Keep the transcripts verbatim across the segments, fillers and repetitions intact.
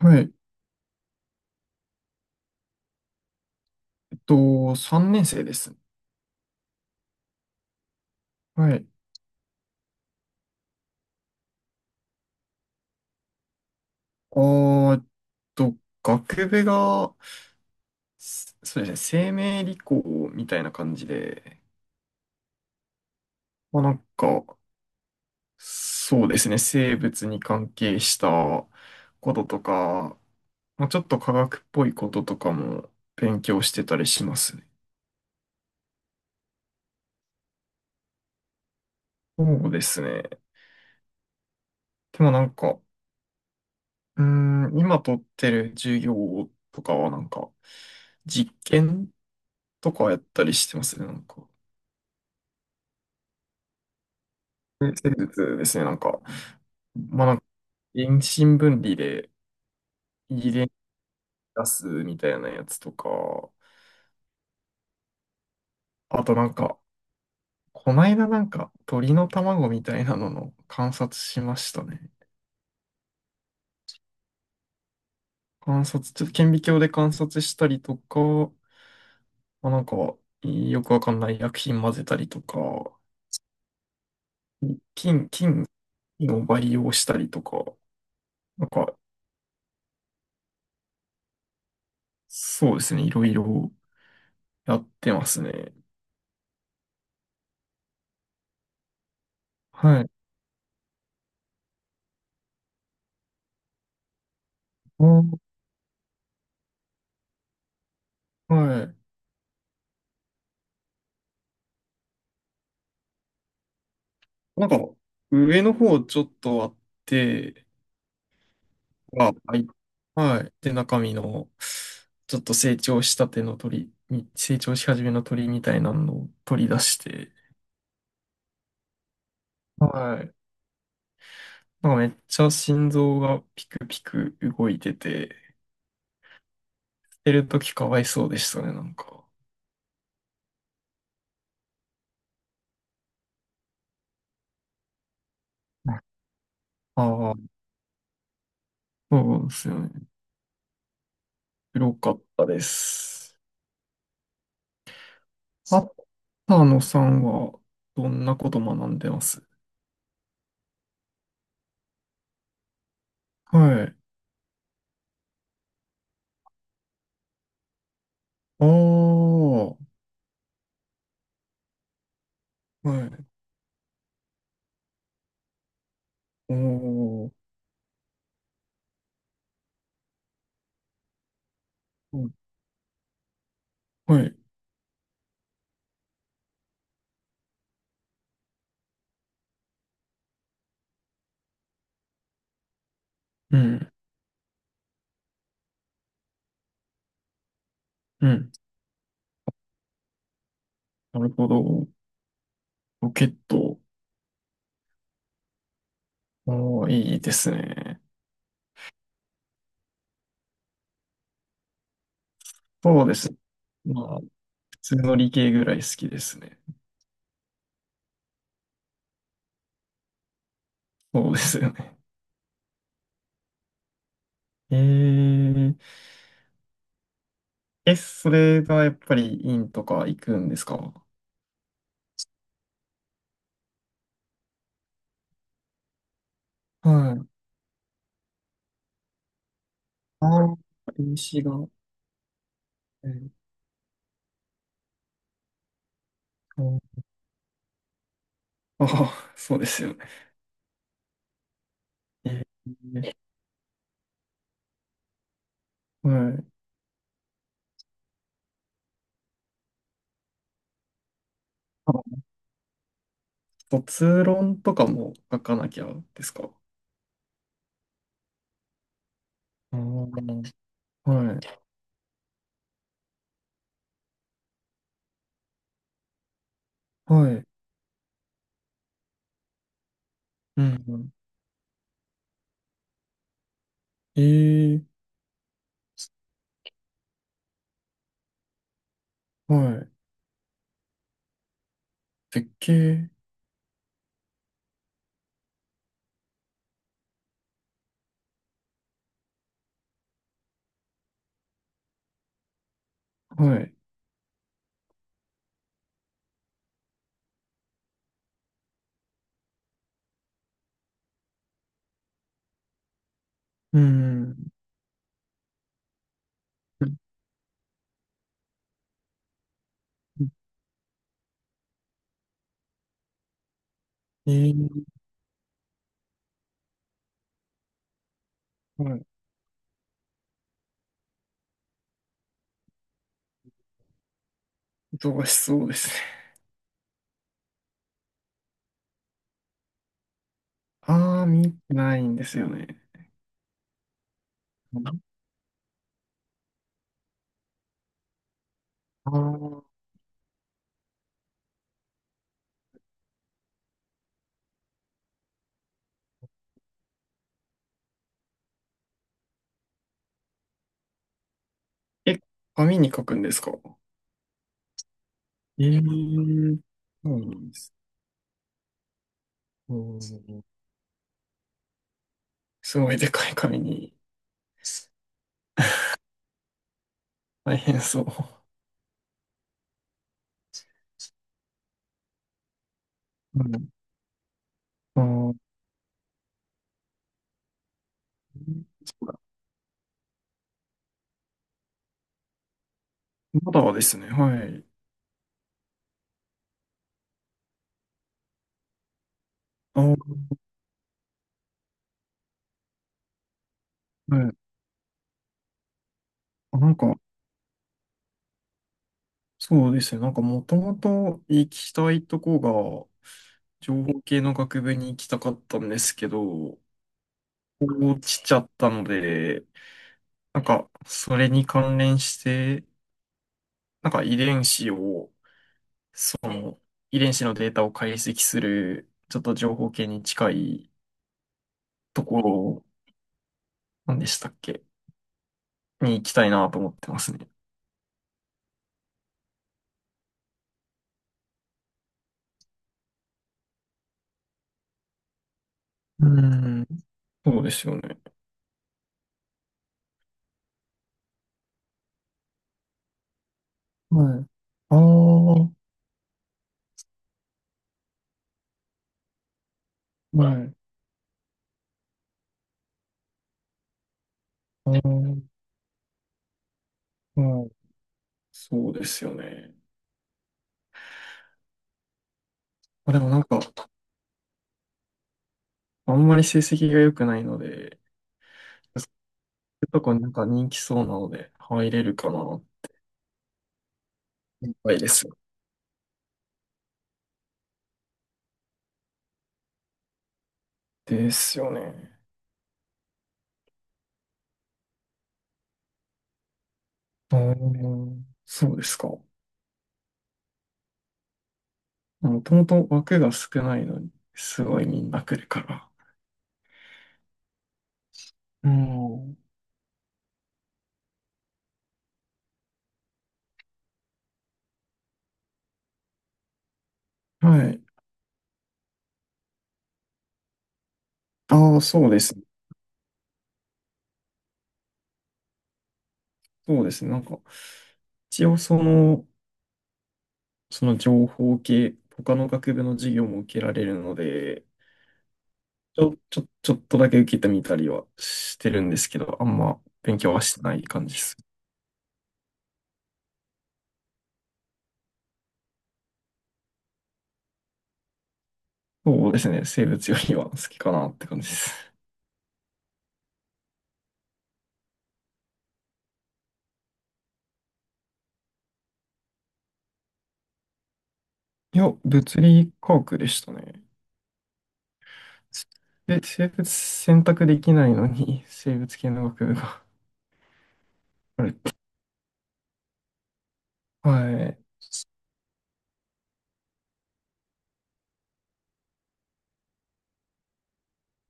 はい。えっと、さんねん生です。はい。あーえっと、学部が、すそうですね、生命理工みたいな感じで、まあなんか、そうですね、生物に関係したこととか、まあちょっと科学っぽいこととかも勉強してたりしますね。そうですね。でもなんか、うーん、今取ってる授業とかはなんか、実験とかやったりしてますね、なんか。生物ですね、なんか、まあ、なんか、遠心分離で遺伝出すみたいなやつとか、あとなんか、こないだなんか、鳥の卵みたいなのの観察しましたね。観察、ちょっと顕微鏡で観察したりとか、まあ、なんか、よくわかんない薬品混ぜたりとか、菌、菌菌を培養したりとか、なんか、そうですね、いろいろやってますね。はい。あー、はい。なんか、上の方ちょっとあって、は、はい。はい。で、中身の、ちょっと成長したての鳥に、成長し始めの鳥みたいなのを取り出して、はい。なんかめっちゃ心臓がピクピク動いてて、捨てるときかわいそうでしたね、なんか。ああ、そうですよね。黒かったです。あったのさんは、どんなこと学んでます？はい。ああ、はい。おー、はい。うん、うん。なるほど。ロケット。おー、いいですね。そうです。まあ、普通の理系ぐらい好きですね。そうですよね。えー、え、それがやっぱり院とか行くんですか？はい。ああ、a が。えーとああ、そうですよね。えー、はい。あ、卒論とかも書かなきゃですか？ああー、はい。はい。うん。ええ。はい。絶景、はい。うん。ええ。はい。忙しそうですね。ああ、見てないんですよね。ああー、え、紙に書くんですか？ええ。そうなんです。うん。すごいでかい紙に。大変そう。うん。ああ、そうだ。まだですね。はい。あー、はい。あ、なんか、そうですね。なんかもともと行きたいとこが、情報系の学部に行きたかったんですけど、落ちちゃったので、なんかそれに関連して、なんか遺伝子を、その遺伝子のデータを解析する、ちょっと情報系に近いところ、なんでしたっけ、に行きたいなと思ってますね。うん。そうですよね。はい。ああ、はい。あー、はい。そうですよね。まあ、でもなんか、あんまり成績が良くないので、そういうとこになんか人気そうなので入れるかな。いっぱいです。ですよね。うーん、そうですか。もともと枠が少ないのに、すごいみんな来るから。うん。はい。ああ、そうです。そうですね。なんか、一応その、その情報系、他の学部の授業も受けられるので、ちょ、ちょ、ちょっとだけ受けてみたりはしてるんですけど、あんま勉強はしてない感じです。そうですね。生物よりは好きかなって感じです。いや、物理科学でしたね。で、生物選択できないのに、生物系の学部があるって。はい。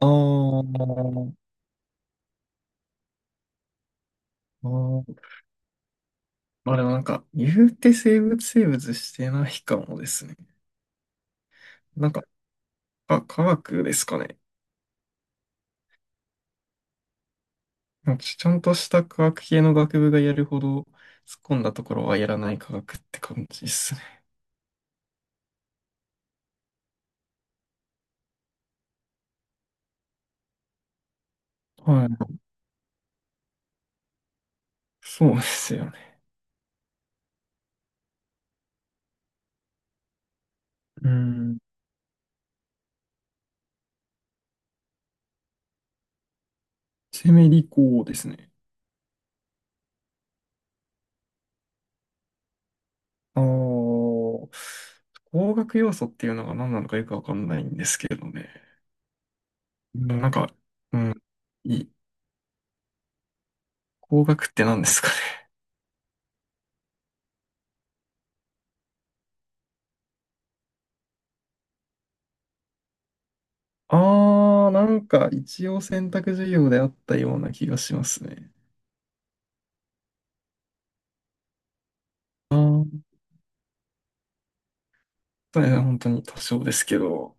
あー、あー、まあでもなんか、言うて生物生物してないかもですね。なんか、あ、科学ですかね。なんかちゃんとした科学系の学部がやるほど突っ込んだところはやらない科学って感じですね。はい。そうですよね。うん。生命理工ですね。ああ、工学要素っていうのが何なのかよくわかんないんですけどね。うんなんか、うん。いい。工学って何ですかね。ああ、なんか一応選択授業であったような気がしますね。ああ、そうですね、本当に多少ですけど。